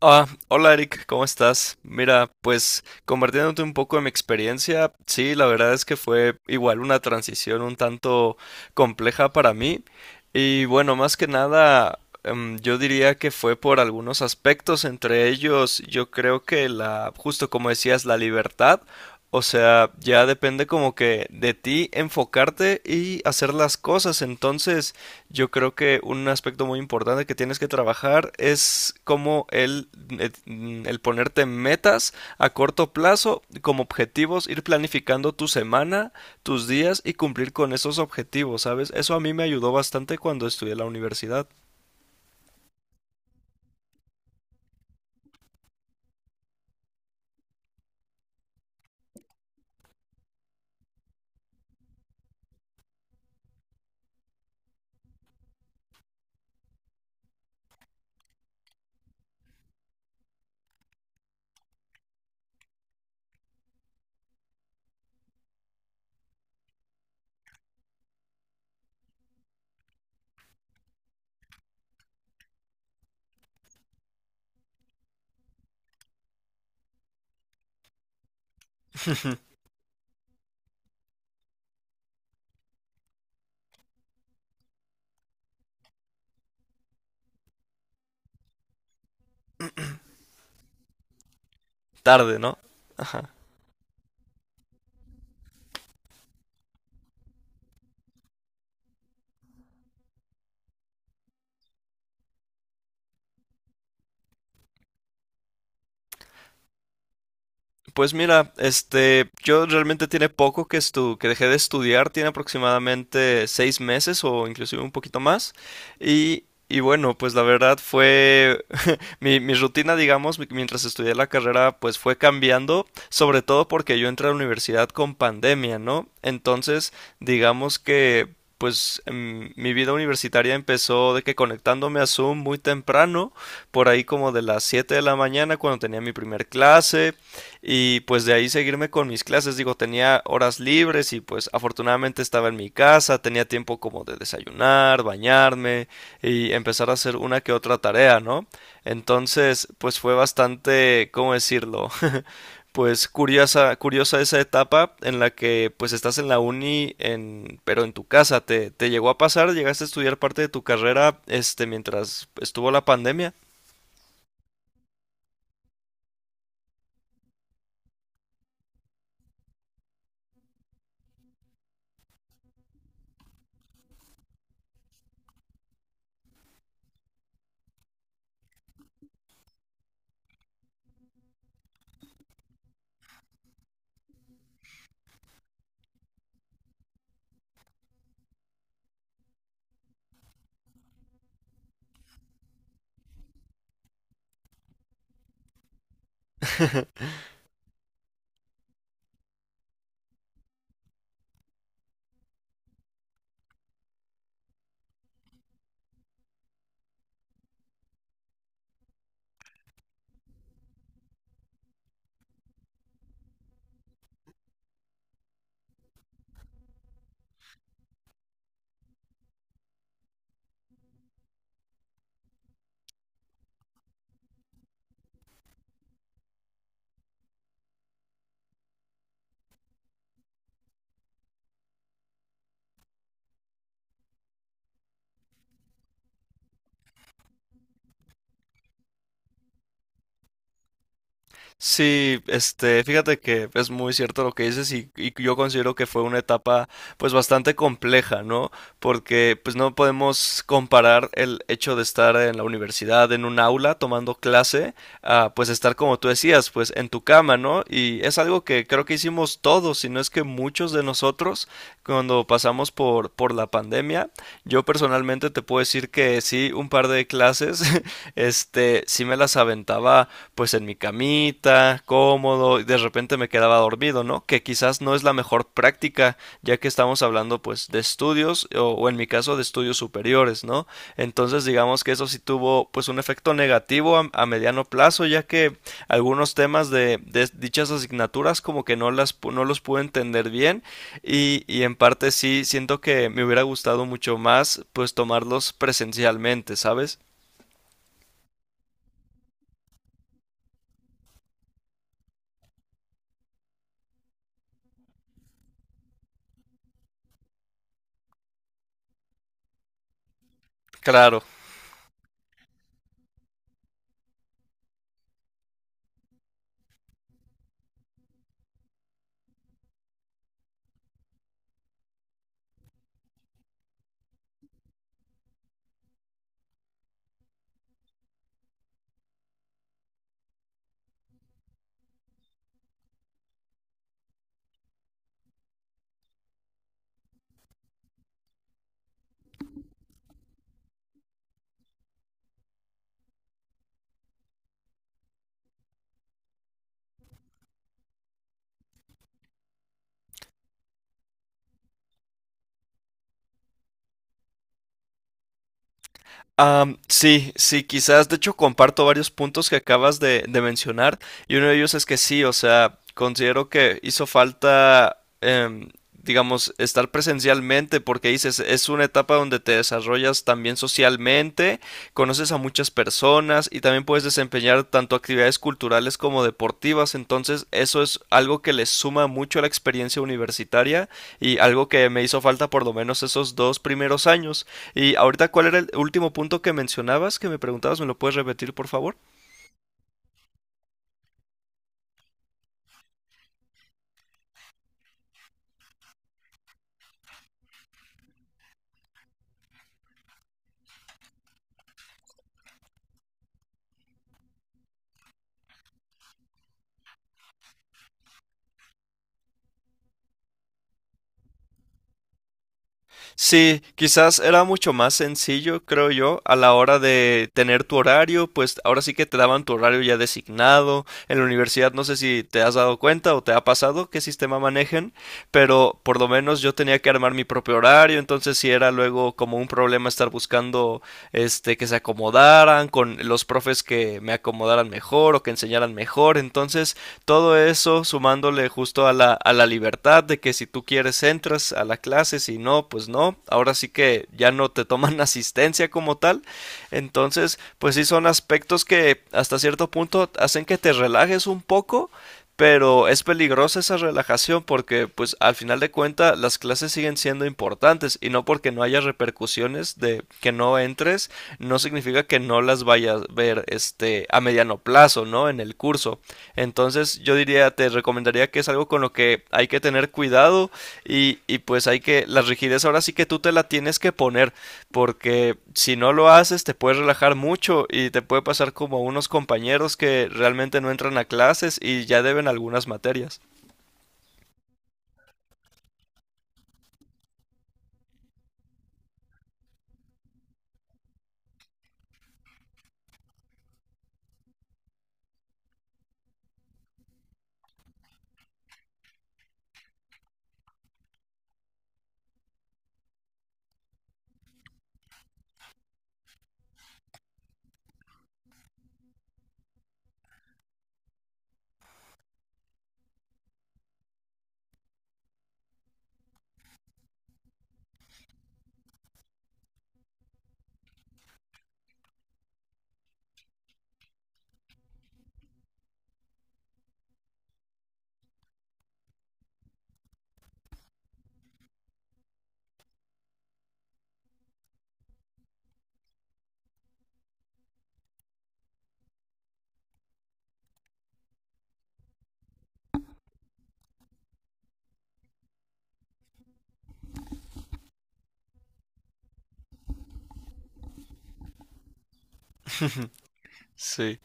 Ah, hola Eric, ¿cómo estás? Mira, pues compartiéndote un poco de mi experiencia, sí, la verdad es que fue igual una transición un tanto compleja para mí y bueno, más que nada, yo diría que fue por algunos aspectos, entre ellos yo creo que justo como decías, la libertad, o sea, ya depende como que de ti enfocarte y hacer las cosas, entonces... Yo creo que un aspecto muy importante que tienes que trabajar es como el, el ponerte metas a corto plazo como objetivos, ir planificando tu semana, tus días y cumplir con esos objetivos, ¿sabes? Eso a mí me ayudó bastante cuando estudié en la universidad. Tarde, ¿no? Pues mira, este, yo realmente tiene poco que dejé de estudiar, tiene aproximadamente 6 meses o inclusive un poquito más. Y bueno, pues la verdad fue mi rutina, digamos, mientras estudié la carrera, pues fue cambiando, sobre todo porque yo entré a la universidad con pandemia, ¿no? Entonces, digamos que pues mi vida universitaria empezó de que conectándome a Zoom muy temprano, por ahí como de las 7 de la mañana cuando tenía mi primer clase y pues de ahí seguirme con mis clases, digo, tenía horas libres y pues afortunadamente estaba en mi casa, tenía tiempo como de desayunar, bañarme y empezar a hacer una que otra tarea, ¿no? Entonces, pues fue bastante, ¿cómo decirlo? pues curiosa, curiosa esa etapa en la que pues estás en la uni, pero en tu casa. ¿Te llegó a pasar? ¿Llegaste a estudiar parte de tu carrera, este, mientras estuvo la pandemia? Sí, este, fíjate que es muy cierto lo que dices y yo considero que fue una etapa pues bastante compleja, ¿no? Porque pues no podemos comparar el hecho de estar en la universidad, en un aula, tomando clase, a pues estar como tú decías, pues en tu cama, ¿no? Y es algo que creo que hicimos todos, si no es que muchos de nosotros, cuando pasamos por la pandemia. Yo personalmente te puedo decir que sí, un par de clases, este, sí me las aventaba pues en mi camita, cómodo, y de repente me quedaba dormido, ¿no? Que quizás no es la mejor práctica, ya que estamos hablando pues de estudios, o en mi caso de estudios superiores, ¿no? Entonces digamos que eso sí tuvo pues un efecto negativo a mediano plazo, ya que algunos temas dichas asignaturas como que no los pude entender bien y en parte sí siento que me hubiera gustado mucho más pues tomarlos presencialmente, ¿sabes? Claro. Sí, sí, quizás, de hecho, comparto varios puntos que acabas de mencionar y uno de ellos es que sí, o sea, considero que hizo falta, digamos, estar presencialmente porque dices, es una etapa donde te desarrollas también socialmente, conoces a muchas personas y también puedes desempeñar tanto actividades culturales como deportivas, entonces eso es algo que le suma mucho a la experiencia universitaria y algo que me hizo falta por lo menos esos 2 primeros años. Y ahorita, ¿cuál era el último punto que mencionabas, que me preguntabas? ¿Me lo puedes repetir, por favor? Sí, quizás era mucho más sencillo, creo yo, a la hora de tener tu horario, pues ahora sí que te daban tu horario ya designado. En la universidad no sé si te has dado cuenta o te ha pasado qué sistema manejen, pero por lo menos yo tenía que armar mi propio horario, entonces sí era luego como un problema estar buscando este, que se acomodaran, con los profes que me acomodaran mejor o que enseñaran mejor. Entonces, todo eso sumándole justo a a la libertad de que si tú quieres entras a la clase, si no, pues no. Ahora sí que ya no te toman asistencia como tal. Entonces, pues sí son aspectos que hasta cierto punto hacen que te relajes un poco, pero es peligrosa esa relajación porque pues al final de cuentas las clases siguen siendo importantes y no porque no haya repercusiones de que no entres no significa que no las vayas a ver este a mediano plazo, ¿no? En el curso. Entonces yo diría, te recomendaría que es algo con lo que hay que tener cuidado y pues hay que la rigidez ahora sí que tú te la tienes que poner porque si no lo haces te puedes relajar mucho y te puede pasar como a unos compañeros que realmente no entran a clases y ya deben algunas materias. Sí,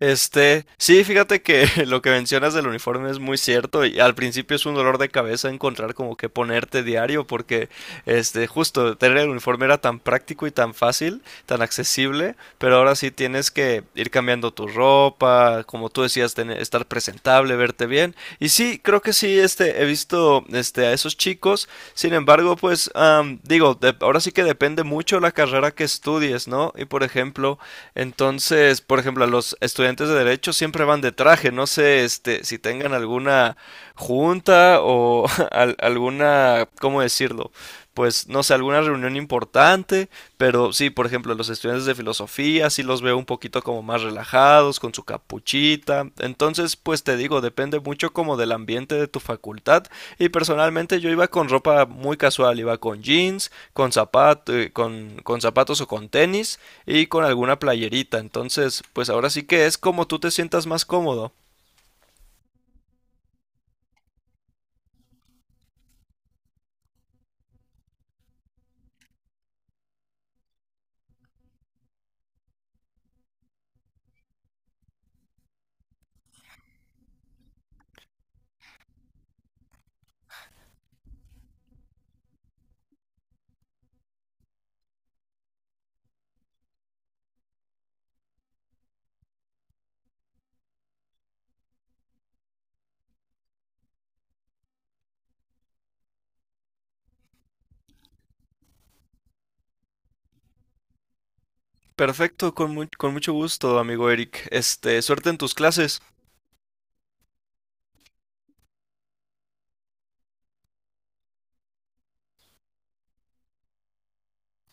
este, sí, fíjate que lo que mencionas del uniforme es muy cierto y al principio es un dolor de cabeza encontrar como que ponerte diario porque este, justo tener el uniforme era tan práctico y tan fácil, tan accesible, pero ahora sí tienes que ir cambiando tu ropa, como tú decías, estar presentable, verte bien. Y sí, creo que sí, este, he visto, este, a esos chicos. Sin embargo, pues, digo, ahora sí que depende mucho la carrera que estudies, ¿no? Entonces, por ejemplo, a los estudiantes de derecho siempre van de traje. No sé, este, si tengan alguna junta o alguna, ¿cómo decirlo? Pues, no sé, alguna reunión importante, pero sí, por ejemplo, los estudiantes de filosofía sí los veo un poquito como más relajados, con su capuchita. Entonces, pues te digo, depende mucho como del ambiente de tu facultad. Y personalmente yo iba con ropa muy casual, iba con jeans, con zapato, con zapatos o con tenis y con alguna playerita. Entonces, pues ahora sí que es como tú te sientas más cómodo. Perfecto, con, con mucho gusto, amigo Eric. Este, suerte en tus clases.